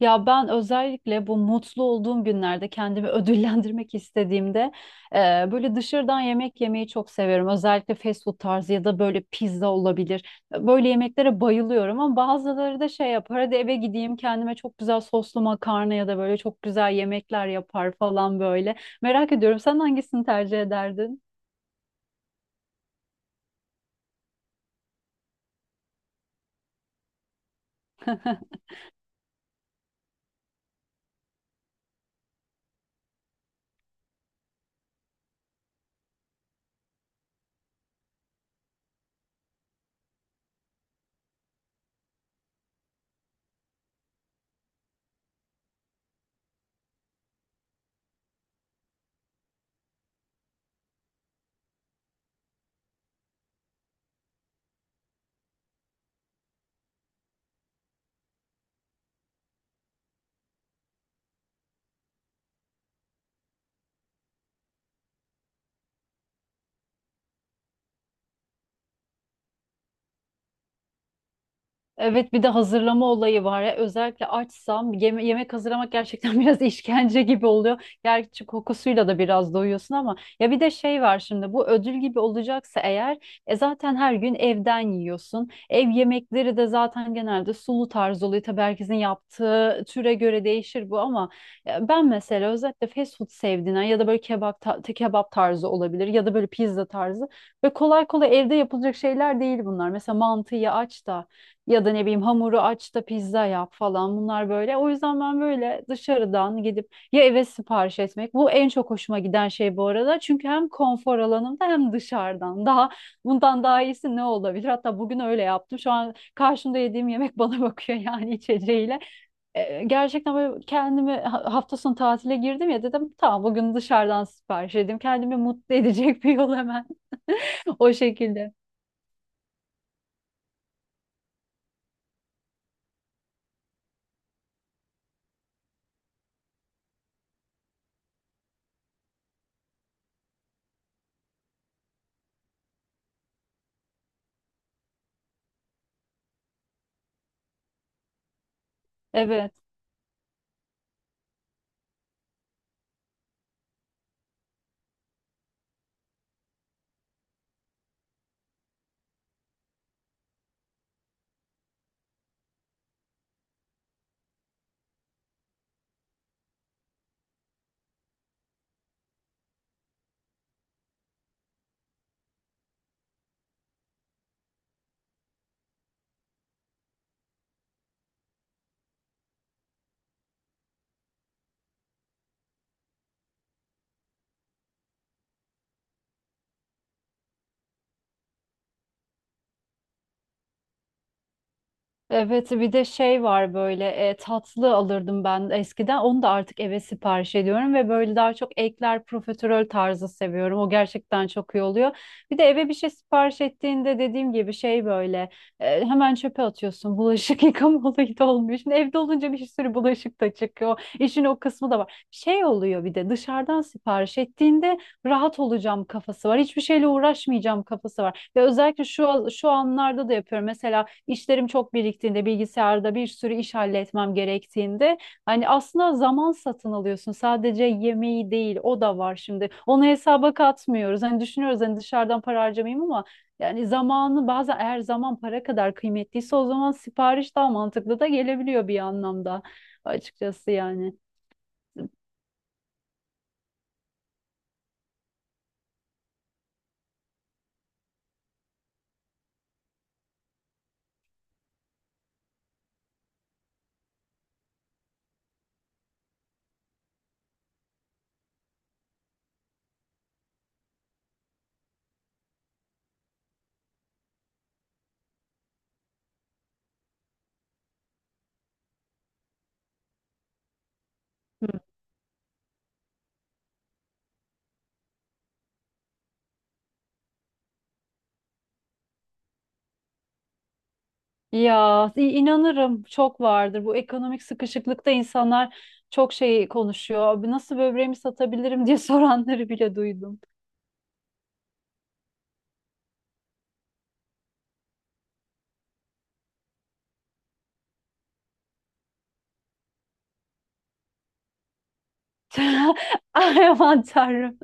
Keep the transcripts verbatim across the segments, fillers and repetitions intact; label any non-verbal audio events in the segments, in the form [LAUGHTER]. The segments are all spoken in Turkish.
Ya ben özellikle bu mutlu olduğum günlerde kendimi [LAUGHS] ödüllendirmek istediğimde e, böyle dışarıdan yemek yemeyi çok seviyorum. Özellikle fast food tarzı ya da böyle pizza olabilir. Böyle yemeklere bayılıyorum ama bazıları da şey yapar. Hadi eve gideyim kendime çok güzel soslu makarna ya da böyle çok güzel yemekler yapar falan böyle. Merak ediyorum sen hangisini tercih ederdin? [LAUGHS] Evet, bir de hazırlama olayı var ya, özellikle açsam yeme- yemek hazırlamak gerçekten [LAUGHS] biraz işkence gibi oluyor. Gerçi kokusuyla da biraz doyuyorsun ama ya bir de şey var şimdi bu ödül gibi olacaksa eğer e zaten her gün evden yiyorsun. Ev yemekleri de zaten genelde sulu tarz oluyor. Tabii herkesin yaptığı türe göre değişir bu ama e, ben mesela özellikle fast food sevdiğinden ya da böyle kebap ta- kebap tarzı olabilir ya da böyle pizza tarzı ve kolay kolay evde yapılacak şeyler değil bunlar. Mesela mantıyı aç da ya da ne bileyim hamuru aç da pizza yap falan bunlar böyle. O yüzden ben böyle dışarıdan gidip ya eve sipariş etmek. Bu en çok hoşuma giden şey bu arada. Çünkü hem konfor alanımda hem dışarıdan. Daha bundan daha iyisi ne olabilir? Hatta bugün öyle yaptım. Şu an karşımda yediğim yemek [LAUGHS] bana bakıyor yani içeceğiyle. E, gerçekten böyle kendimi ha- hafta sonu tatile girdim ya, dedim tamam bugün dışarıdan sipariş edeyim. Kendimi mutlu edecek [LAUGHS] bir yol hemen [LAUGHS] o şekilde. Evet. Evet bir de şey var böyle, e, tatlı alırdım ben eskiden, onu da artık eve sipariş ediyorum ve böyle daha çok ekler profiterol tarzı seviyorum, o gerçekten çok iyi oluyor. Bir de eve bir şey sipariş ettiğinde dediğim gibi şey böyle, e, hemen çöpe atıyorsun, bulaşık [LAUGHS] yıkama da olmuyor. Şimdi evde olunca bir sürü bulaşık da çıkıyor, işin o kısmı da var. Şey oluyor bir de dışarıdan sipariş ettiğinde rahat olacağım kafası var, hiçbir şeyle uğraşmayacağım kafası var. Ve özellikle şu şu anlarda da yapıyorum mesela, işlerim çok biriktiğinde, bilgisayarda bir sürü iş halletmem gerektiğinde hani aslında zaman satın alıyorsun. Sadece yemeği değil, o da var şimdi. Onu hesaba katmıyoruz. Hani düşünüyoruz hani dışarıdan para harcamayayım ama yani zamanı bazen, eğer zaman para kadar kıymetliyse o zaman sipariş daha mantıklı da gelebiliyor bir anlamda, açıkçası yani. Hı. Ya i- inanırım, çok vardır. Bu ekonomik sıkışıklıkta insanlar çok şey konuşuyor. Abi nasıl böbreğimi satabilirim [LAUGHS] diye soranları bile duydum. [LAUGHS] Ay aman tanrım.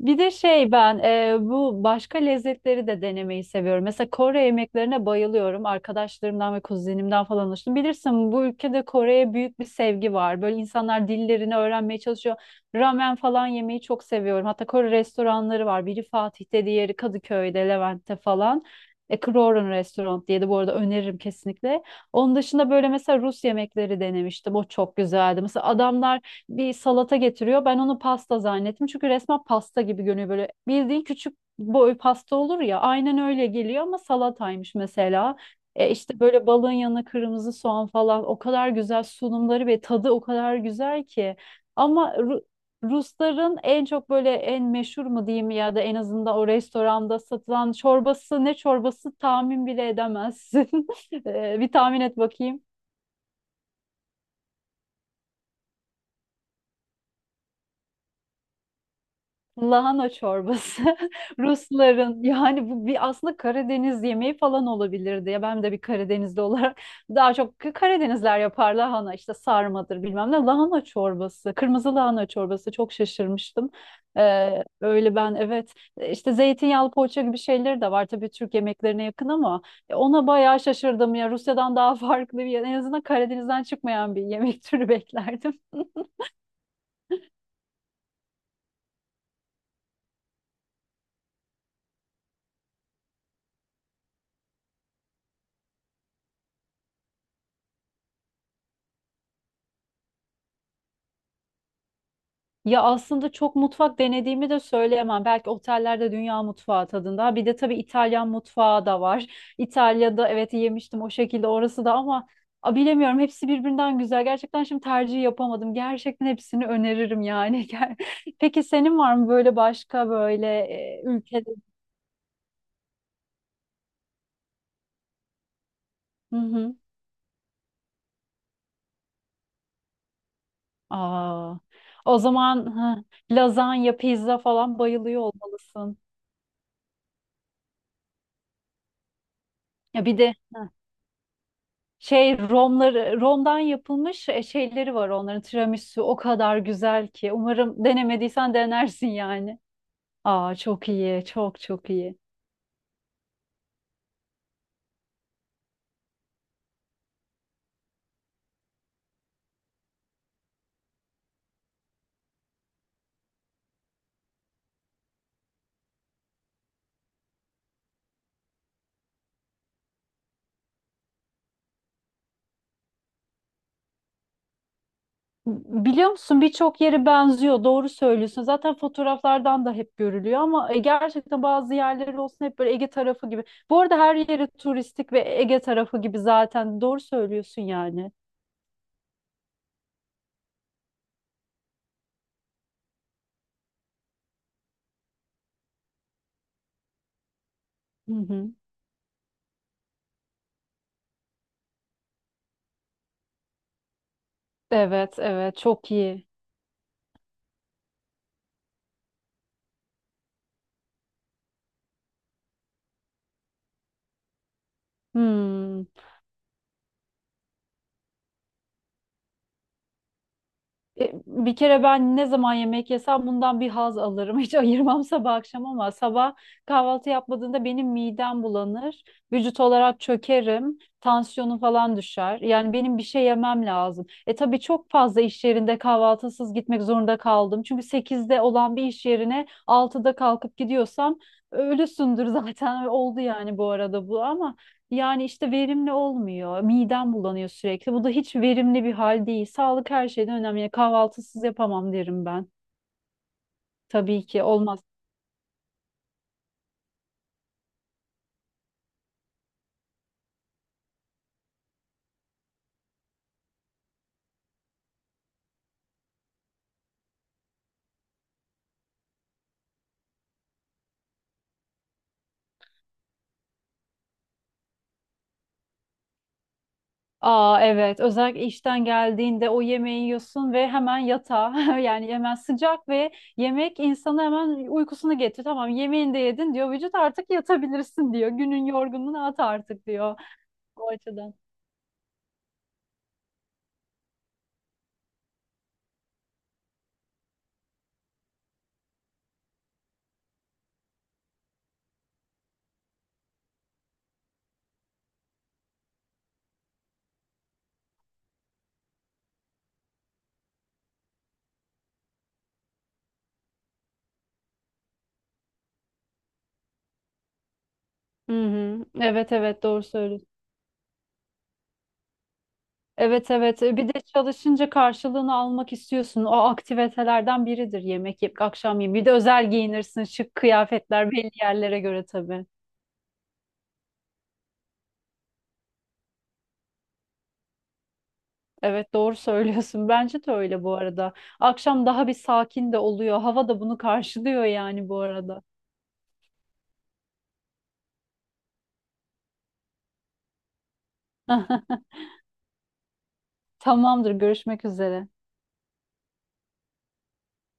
Bir de şey, ben e, bu başka lezzetleri de denemeyi seviyorum. Mesela Kore yemeklerine bayılıyorum. Arkadaşlarımdan ve kuzenimden falan alıştım. Bilirsin bu ülkede Kore'ye büyük bir sevgi var. Böyle insanlar dillerini öğrenmeye çalışıyor. Ramen falan yemeyi çok seviyorum. Hatta Kore restoranları var. Biri Fatih'te, diğeri Kadıköy'de, Levent'te falan. E, Kroron Restaurant diye de bu arada öneririm kesinlikle. Onun dışında böyle mesela Rus yemekleri denemiştim. O çok güzeldi. Mesela adamlar bir salata getiriyor. Ben onu pasta zannettim. Çünkü resmen pasta gibi görünüyor böyle. Bildiğin küçük boy pasta olur ya. Aynen öyle geliyor ama salataymış mesela. E işte böyle balığın yanına kırmızı soğan falan. O kadar güzel sunumları ve tadı o kadar güzel ki. Ama Ru- Rusların en çok böyle en meşhur mu diyeyim ya da en azından o restoranda satılan çorbası ne çorbası tahmin bile edemezsin. [LAUGHS] E, bir tahmin et bakayım. Lahana çorbası. [LAUGHS] Rusların, yani bu bir aslında Karadeniz yemeği falan olabilirdi. Ya ben de bir Karadenizli olarak [LAUGHS] daha çok Karadenizler yapar lahana işte, sarmadır bilmem ne. Lahana çorbası, kırmızı lahana çorbası, çok şaşırmıştım. Ee, öyle ben, evet işte zeytinyağlı poğaça gibi şeyleri de var tabii, Türk yemeklerine yakın ama e, ona bayağı şaşırdım ya, Rusya'dan daha [LAUGHS] farklı, bir en azından Karadeniz'den çıkmayan bir yemek türü beklerdim. [LAUGHS] Ya aslında çok mutfak denediğimi de söyleyemem. Belki otellerde dünya mutfağı tadında. Bir de tabii İtalyan mutfağı da var. İtalya'da evet yemiştim o şekilde, orası da ama a, bilemiyorum, hepsi birbirinden güzel. Gerçekten şimdi tercih yapamadım. Gerçekten hepsini öneririm yani. [LAUGHS] Ger- Peki senin var mı böyle başka böyle e, ülkede? Hı hı. Aa, o zaman ha, lazanya, pizza falan bayılıyor olmalısın. Ya bir de şey, romları, romdan yapılmış e, şeyleri var, onların tiramisu o kadar güzel ki. Umarım denemediysen denersin yani. Aa çok iyi, çok çok iyi. Biliyor musun, birçok yeri benziyor. Doğru söylüyorsun. Zaten fotoğraflardan da hep görülüyor ama e, gerçekten bazı yerleri olsun hep böyle Ege tarafı gibi. Bu arada her yeri turistik ve Ege tarafı gibi zaten. Doğru söylüyorsun yani. Hı hı. Evet, evet, çok iyi. Hmm. E, Bir kere ben ne zaman yemek yesem bundan bir haz alırım. [LAUGHS] Hiç ayırmam sabah akşam, ama sabah kahvaltı yapmadığında benim midem bulanır. Vücut olarak çökerim. Tansiyonum falan düşer. Yani benim bir şey yemem lazım. E tabii çok fazla iş yerinde kahvaltısız gitmek zorunda kaldım. Çünkü sekizde olan bir iş yerine altıda kalkıp gidiyorsam ölüsündür [LAUGHS] zaten. Oldu yani bu arada bu ama. Yani işte verimli olmuyor. Midem bulanıyor sürekli. Bu da hiç verimli bir hal değil. Sağlık her şeyden önemli. Yani kahvaltısız yapamam derim ben. Tabii ki olmaz. Aa evet, özellikle işten geldiğinde o yemeği yiyorsun ve hemen yatağa [LAUGHS] yani hemen sıcak ve yemek insanı hemen uykusunu getiriyor. Tamam yemeğini de yedin diyor vücut, artık yatabilirsin diyor. Günün yorgunluğunu at artık diyor, o açıdan. Hı hı. Evet evet, doğru söylüyorsun. Evet evet, E, bir de çalışınca karşılığını almak istiyorsun. O aktivitelerden biridir yemek yiyip akşam yemeği. Bir de özel giyinirsin, şık kıyafetler belli yerlere göre tabii. Evet doğru söylüyorsun. [LAUGHS] Bence de öyle bu arada. Akşam daha bir sakin de oluyor. Hava da bunu karşılıyor yani bu arada. [LAUGHS] Tamamdır, görüşmek üzere.